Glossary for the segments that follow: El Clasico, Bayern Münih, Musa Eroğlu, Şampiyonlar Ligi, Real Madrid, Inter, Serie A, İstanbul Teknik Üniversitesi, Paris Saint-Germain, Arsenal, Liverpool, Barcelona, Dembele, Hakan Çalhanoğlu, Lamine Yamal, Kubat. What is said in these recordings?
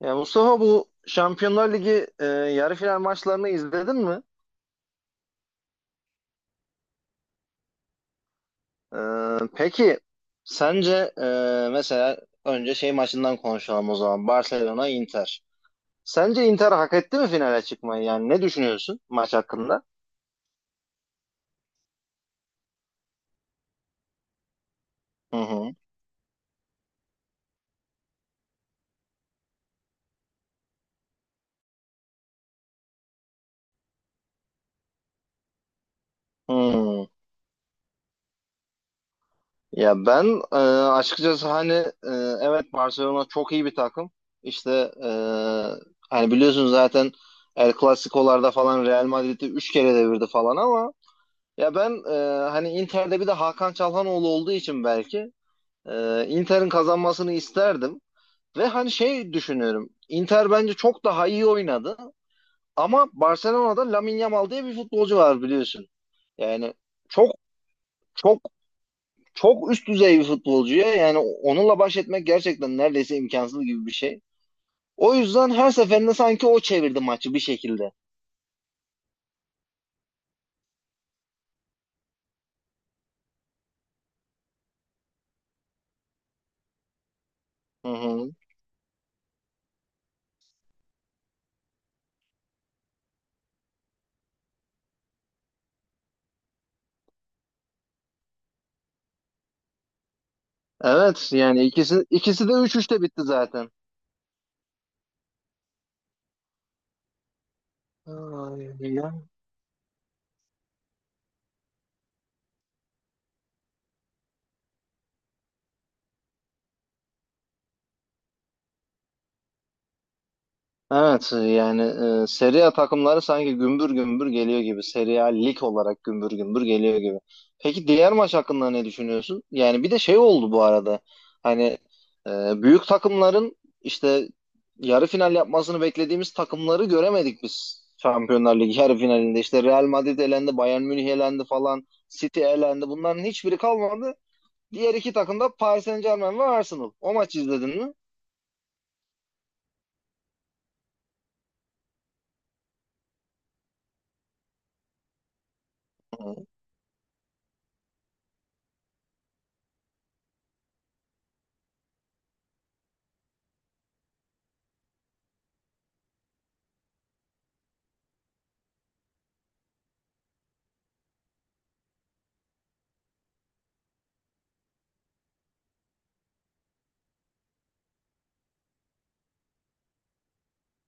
Ya Mustafa, bu Şampiyonlar Ligi yarı final maçlarını izledin mi? E, peki sence, mesela önce şey maçından konuşalım o zaman. Barcelona Inter. Sence Inter hak etti mi finale çıkmayı? Yani ne düşünüyorsun maç hakkında? Hı hı. Hmm. Ya ben, açıkçası hani, evet Barcelona çok iyi bir takım. İşte, e, hani biliyorsunuz zaten El Clasico'larda falan Real Madrid'i 3 kere devirdi falan ama ya ben, hani Inter'de bir de Hakan Çalhanoğlu olduğu için belki Inter'in kazanmasını isterdim. Ve hani şey düşünüyorum. Inter bence çok daha iyi oynadı. Ama Barcelona'da Lamine Yamal diye bir futbolcu var biliyorsun. Yani çok çok çok üst düzey bir futbolcu ya. Yani onunla baş etmek gerçekten neredeyse imkansız gibi bir şey. O yüzden her seferinde sanki o çevirdi maçı bir şekilde. Hı hı. Evet yani ikisi de 3-3'te bitti zaten. Ay, ya. Evet yani, Serie A takımları sanki gümbür gümbür geliyor gibi. Serie A lig olarak gümbür gümbür geliyor gibi. Peki diğer maç hakkında ne düşünüyorsun? Yani bir de şey oldu bu arada. Hani, büyük takımların işte yarı final yapmasını beklediğimiz takımları göremedik biz. Şampiyonlar Ligi yarı finalinde işte Real Madrid elendi, Bayern Münih elendi falan, City elendi. Bunların hiçbiri kalmadı. Diğer iki takım da Paris Saint-Germain ve Arsenal. O maçı izledin mi?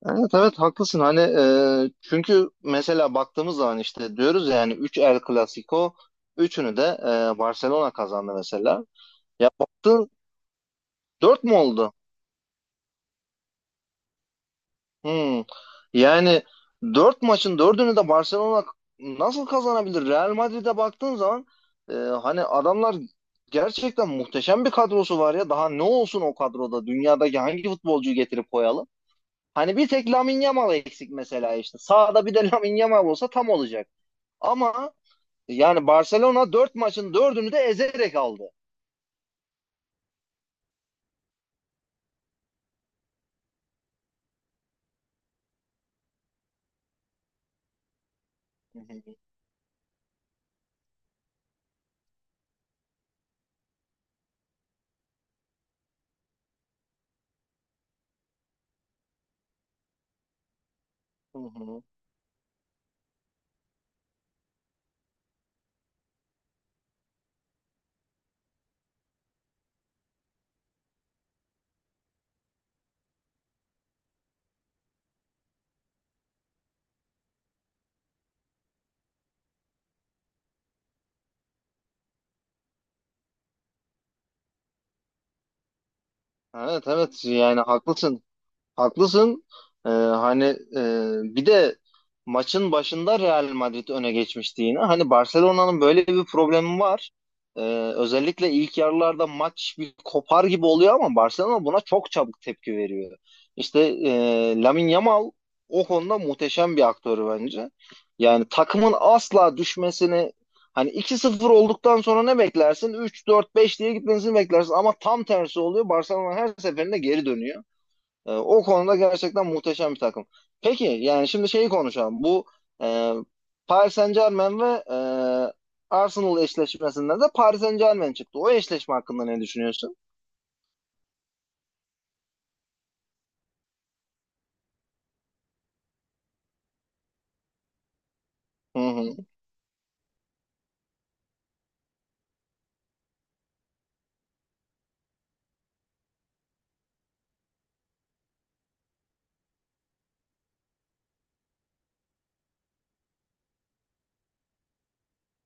Evet evet, haklısın hani, çünkü mesela baktığımız zaman işte diyoruz ya, yani 3 El Clasico, üçünü de Barcelona kazandı mesela. Ya baktın, 4 mü oldu? Hmm. Yani 4 maçın dördünü de Barcelona nasıl kazanabilir? Real Madrid'e baktığın zaman, hani adamlar gerçekten muhteşem bir kadrosu var ya, daha ne olsun o kadroda, dünyadaki hangi futbolcuyu getirip koyalım? Hani bir tek Lamine Yamal eksik mesela işte. Sağda bir de Lamine Yamal olsa tam olacak. Ama yani Barcelona 4 maçın dördünü de ezerek aldı. Hı hı. Hı hı. Evet evet yani haklısın. Haklısın. Hani, e, bir de maçın başında Real Madrid öne geçmişti yine. Hani Barcelona'nın böyle bir problemi var. Ee, Özellikle ilk yarılarda maç bir kopar gibi oluyor ama Barcelona buna çok çabuk tepki veriyor. İşte, Lamine Yamal o konuda muhteşem bir aktör bence. Yani takımın asla düşmesini, hani 2-0 olduktan sonra ne beklersin? Üç, dört, beş diye gitmesini beklersin ama tam tersi oluyor. Barcelona her seferinde geri dönüyor. O konuda gerçekten muhteşem bir takım. Peki yani şimdi şeyi konuşalım. Bu e, Paris Saint-Germain ve Arsenal eşleşmesinden de Paris Saint-Germain çıktı. O eşleşme hakkında ne düşünüyorsun? Hı hı,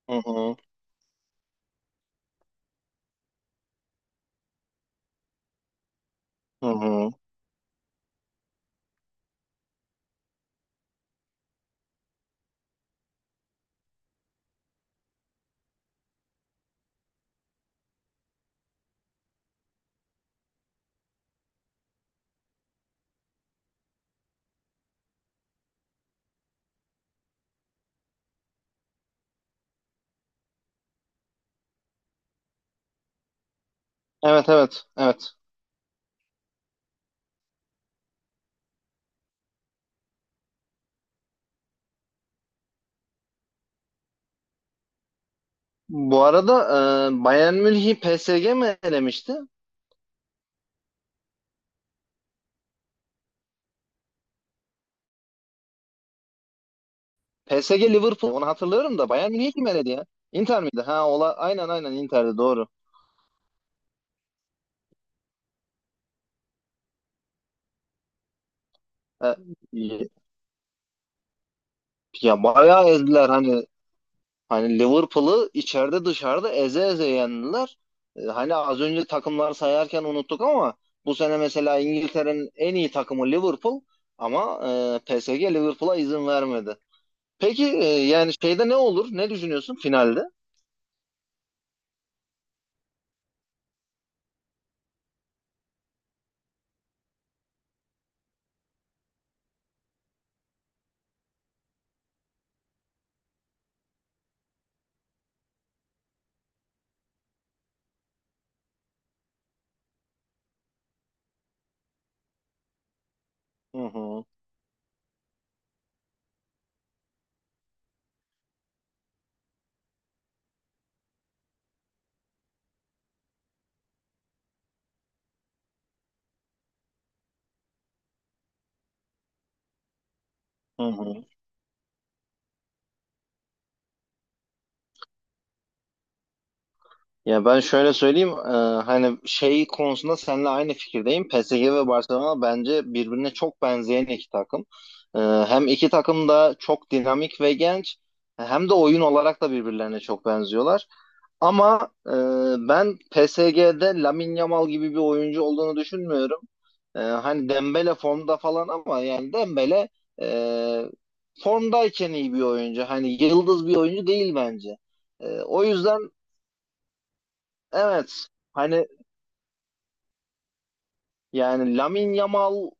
hı hı, hı hı. Evet evet evet. Bu arada, Bayern Münih'i PSG mi elemişti? PSG Liverpool, onu hatırlıyorum da Bayern Münih'i kim eledi ya? Inter miydi? Ha, ola aynen aynen Inter'di, doğru. E, Ya bayağı ezdiler hani Liverpool'ı içeride dışarıda eze eze yendiler. Hani az önce takımlar sayarken unuttuk ama bu sene mesela İngiltere'nin en iyi takımı Liverpool, ama PSG Liverpool'a izin vermedi. Peki yani şeyde ne olur? Ne düşünüyorsun finalde? Hı hı. Hı hı. Ya ben şöyle söyleyeyim, hani şey konusunda seninle aynı fikirdeyim. PSG ve Barcelona bence birbirine çok benzeyen iki takım. Hem iki takım da çok dinamik ve genç, hem de oyun olarak da birbirlerine çok benziyorlar. Ama ben PSG'de Lamine Yamal gibi bir oyuncu olduğunu düşünmüyorum. Hani Dembele formda falan ama yani Dembele e, formdayken iyi bir oyuncu. Hani yıldız bir oyuncu değil bence. O yüzden evet. Hani yani Lamine Yamal'sız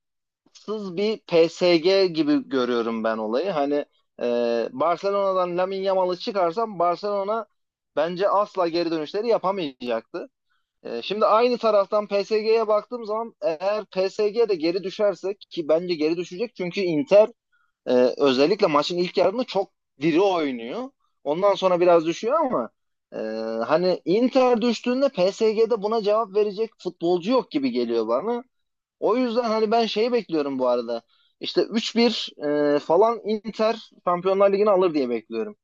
bir PSG gibi görüyorum ben olayı. Hani, Barcelona'dan Lamine Yamal'ı çıkarsam Barcelona bence asla geri dönüşleri yapamayacaktı. Şimdi aynı taraftan PSG'ye baktığım zaman, eğer PSG de geri düşerse, ki bence geri düşecek, çünkü Inter e, özellikle maçın ilk yarısında çok diri oynuyor. Ondan sonra biraz düşüyor ama, e, hani Inter düştüğünde PSG'de buna cevap verecek futbolcu yok gibi geliyor bana. O yüzden hani ben şeyi bekliyorum bu arada. İşte 3-1 falan Inter Şampiyonlar Ligi'ni alır diye bekliyorum.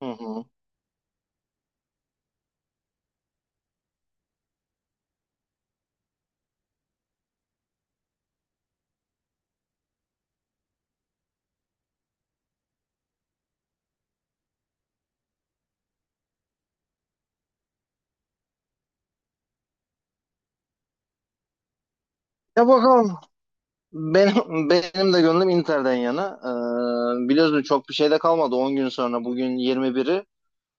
Hı hı. Ya bakalım. Benim de gönlüm Inter'den yana. Biliyorsun çok bir şey de kalmadı. 10 gün sonra, bugün 21'i.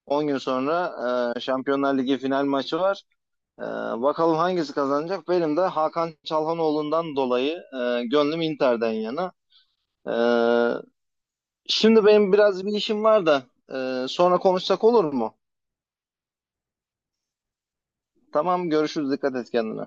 10 gün sonra Şampiyonlar Ligi final maçı var. Ee, Bakalım hangisi kazanacak? Benim de Hakan Çalhanoğlu'ndan dolayı gönlüm Inter'den yana. Ee, Şimdi benim biraz bir işim var da sonra konuşsak olur mu? Tamam, görüşürüz. Dikkat et kendine.